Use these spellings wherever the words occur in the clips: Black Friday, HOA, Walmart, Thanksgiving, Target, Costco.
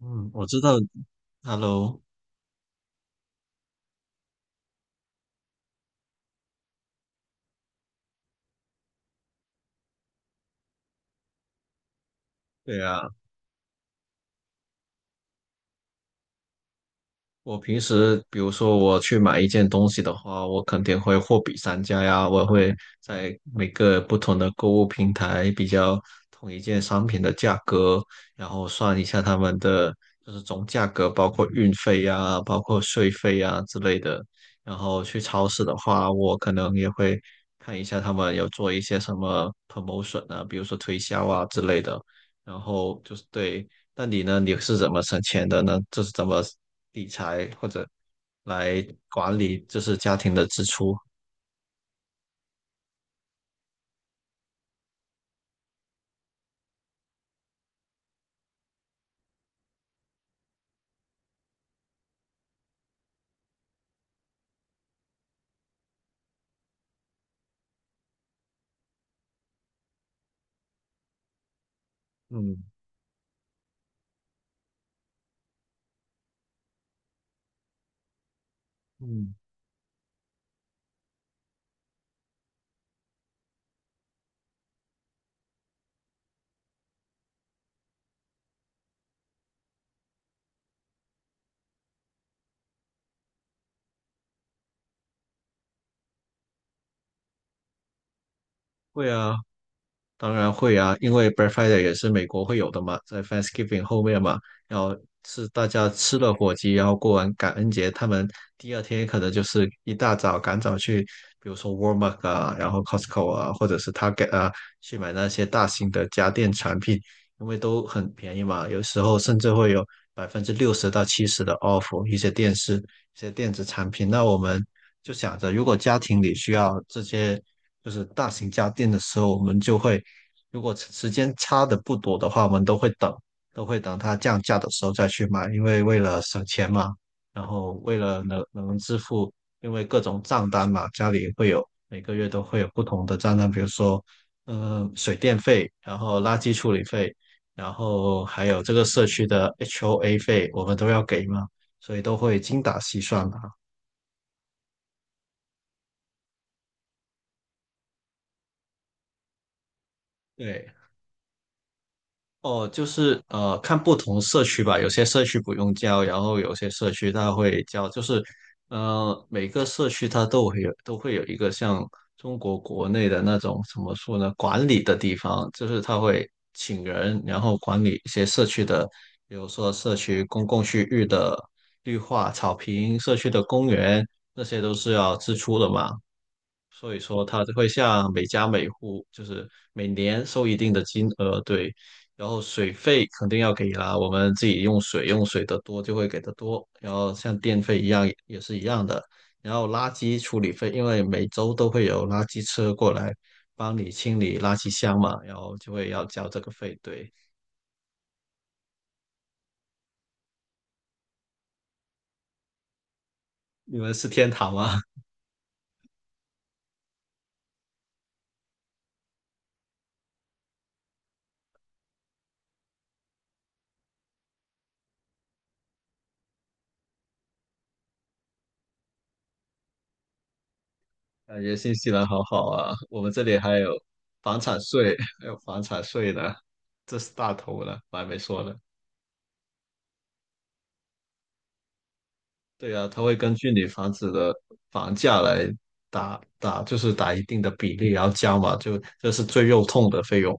嗯，我知道，Hello，对啊，我平时比如说我去买一件东西的话，我肯定会货比三家呀，我会在每个不同的购物平台比较同一件商品的价格，然后算一下他们的就是总价格，包括运费呀，包括税费呀之类的。然后去超市的话，我可能也会看一下他们有做一些什么 promotion 啊，比如说推销啊之类的。然后就是对，那你呢？你是怎么省钱的呢？就是怎么理财或者来管理，就是家庭的支出？嗯嗯，会啊，当然会啊，因为 Black Friday 也是美国会有的嘛，在 Thanksgiving 后面嘛，然后是大家吃了火鸡，然后过完感恩节，他们第二天可能就是一大早赶早去，比如说 Walmart 啊，然后 Costco 啊，或者是 Target 啊，去买那些大型的家电产品，因为都很便宜嘛，有时候甚至会有60%到70%的 off 一些电视、一些电子产品。那我们就想着，如果家庭里需要这些就是大型家电的时候，我们就会，如果时间差的不多的话，我们都会等，都会等它降价的时候再去买，因为为了省钱嘛，然后为了能支付，因为各种账单嘛，家里会有每个月都会有不同的账单，比如说，水电费，然后垃圾处理费，然后还有这个社区的 HOA 费，我们都要给嘛，所以都会精打细算嘛。对，哦，就是看不同社区吧，有些社区不用交，然后有些社区它会交，就是每个社区它都会有一个像中国国内的那种怎么说呢，管理的地方，就是它会请人，然后管理一些社区的，比如说社区公共区域的绿化、草坪、社区的公园，那些都是要支出的嘛。所以说它会向每家每户就是每年收一定的金额，对，然后水费肯定要给啦，我们自己用水的多就会给的多，然后像电费一样也是一样的，然后垃圾处理费，因为每周都会有垃圾车过来帮你清理垃圾箱嘛，然后就会要交这个费，对，你们是天堂吗？感觉新西兰好好啊，我们这里还有房产税，还有房产税呢，这是大头了，我还没说呢。对啊，它会根据你房子的房价来打，就是打一定的比例，然后加嘛，就这是最肉痛的费用。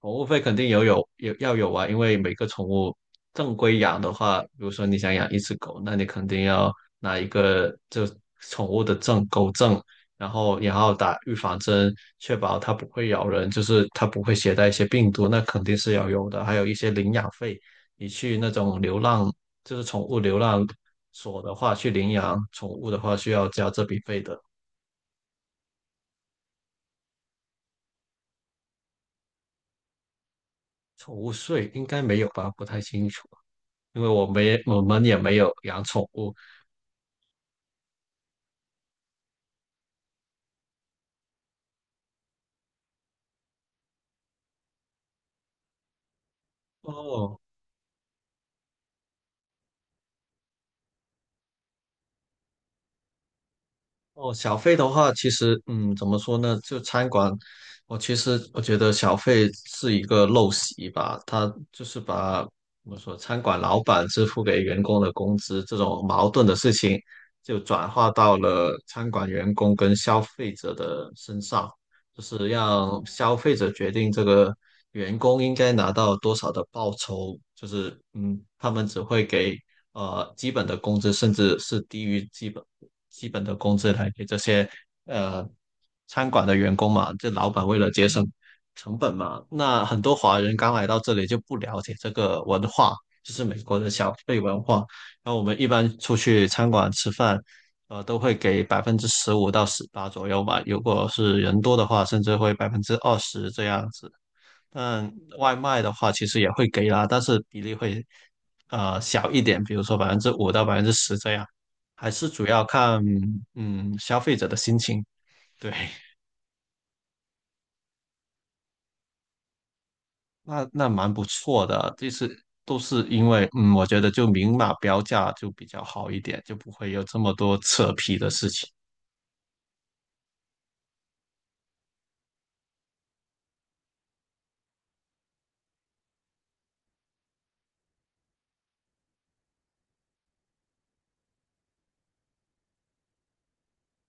宠物费肯定有有有要有啊，因为每个宠物正规养的话，比如说你想养一只狗，那你肯定要拿一个就宠物的证，狗证，然后也要打预防针，确保它不会咬人，就是它不会携带一些病毒，那肯定是要有的。还有一些领养费，你去那种流浪，就是宠物流浪所的话，去领养宠物的话，需要交这笔费的。宠物税应该没有吧？不太清楚，因为我们也没有养宠物。哦哦，小费的话，其实怎么说呢？就餐馆，我其实我觉得小费是一个陋习吧，他就是把怎么说，餐馆老板支付给员工的工资这种矛盾的事情，就转化到了餐馆员工跟消费者的身上，就是让消费者决定这个员工应该拿到多少的报酬，就是他们只会给。基本的工资，甚至是低于基本的工资来给这些呃餐馆的员工嘛。这老板为了节省成本嘛，那很多华人刚来到这里就不了解这个文化，就是美国的小费文化。然后我们一般出去餐馆吃饭，都会给15%到18%左右吧。如果是人多的话，甚至会20%这样子。但外卖的话，其实也会给啦，但是比例会小一点，比如说5%到10%这样，还是主要看消费者的心情。对，那蛮不错的，就是都是因为我觉得就明码标价就比较好一点，就不会有这么多扯皮的事情。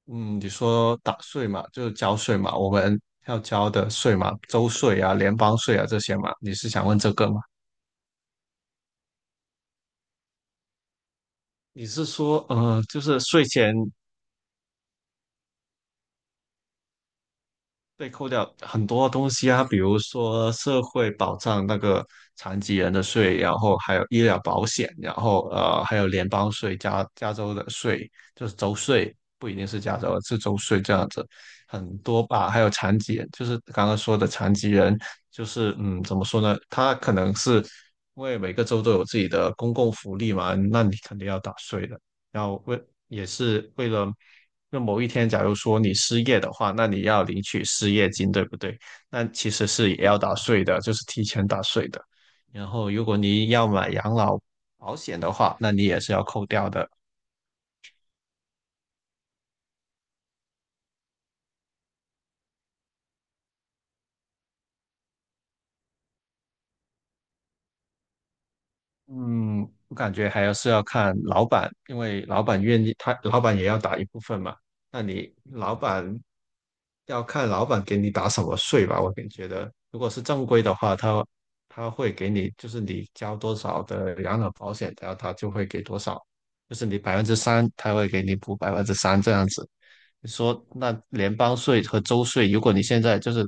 嗯，你说打税嘛，就是交税嘛，我们要交的税嘛，州税啊、联邦税啊这些嘛，你是想问这个吗？你是说，就是税前被扣掉很多东西啊，比如说社会保障那个残疾人的税，然后还有医疗保险，然后还有联邦税、加州的税，就是州税，不一定是加州，是州税这样子，很多吧。还有残疾人，就是刚刚说的残疾人，就是怎么说呢？他可能是因为每个州都有自己的公共福利嘛，那你肯定要打税的。要为也是为了，那某一天假如说你失业的话，那你要领取失业金，对不对？那其实是也要打税的，就是提前打税的。然后如果你要买养老保险的话，那你也是要扣掉的。嗯，我感觉还要是要看老板，因为老板愿意，他老板也要打一部分嘛。那你老板要看老板给你打什么税吧。我感觉得，如果是正规的话，他会给你，就是你交多少的养老保险，然后他就会给多少，就是你百分之三，他会给你补百分之三这样子。你说那联邦税和州税，如果你现在就是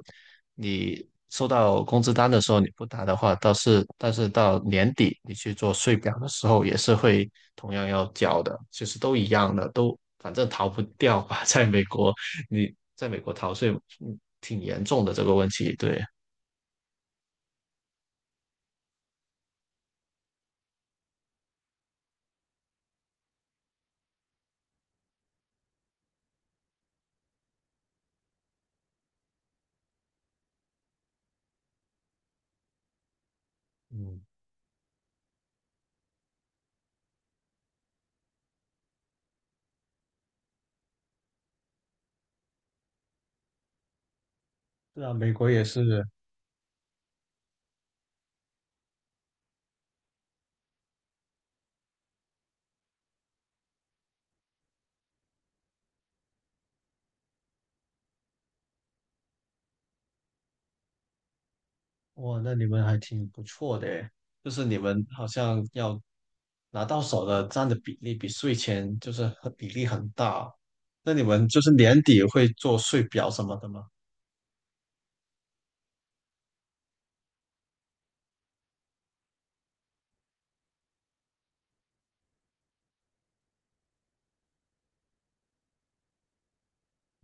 你收到工资单的时候你不打的话，但是到年底你去做税表的时候也是会同样要缴的，其实都一样的，都反正逃不掉吧。在美国，你在美国逃税挺严重的这个问题，对，嗯，是啊，美国也是，哇，那你们还挺不错的诶，就是你们好像要拿到手的占的比例比税前就是很比例很大，那你们就是年底会做税表什么的吗？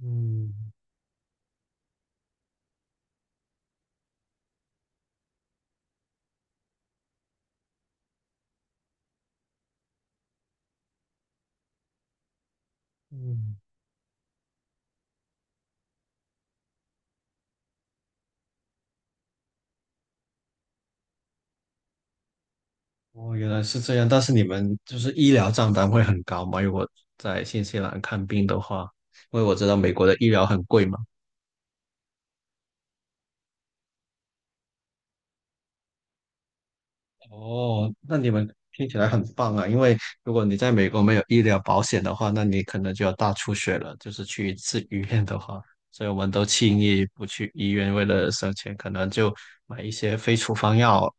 嗯嗯，哦，原来是这样，但是你们就是医疗账单会很高吗？如果在新西兰看病的话，因为我知道美国的医疗很贵嘛。哦，那你们听起来很棒啊！因为如果你在美国没有医疗保险的话，那你可能就要大出血了。就是去一次医院的话，所以我们都轻易不去医院，为了省钱，可能就买一些非处方药，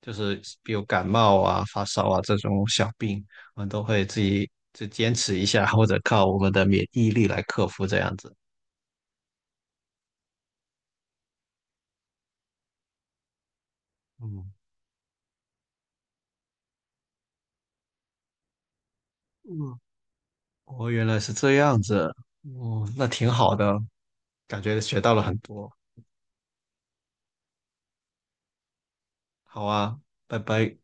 就是比如感冒啊、发烧啊这种小病，我们都会自己就坚持一下，或者靠我们的免疫力来克服这样子。嗯。嗯哦，原来是这样子，哦，那挺好的，感觉学到了很多。好啊，拜拜。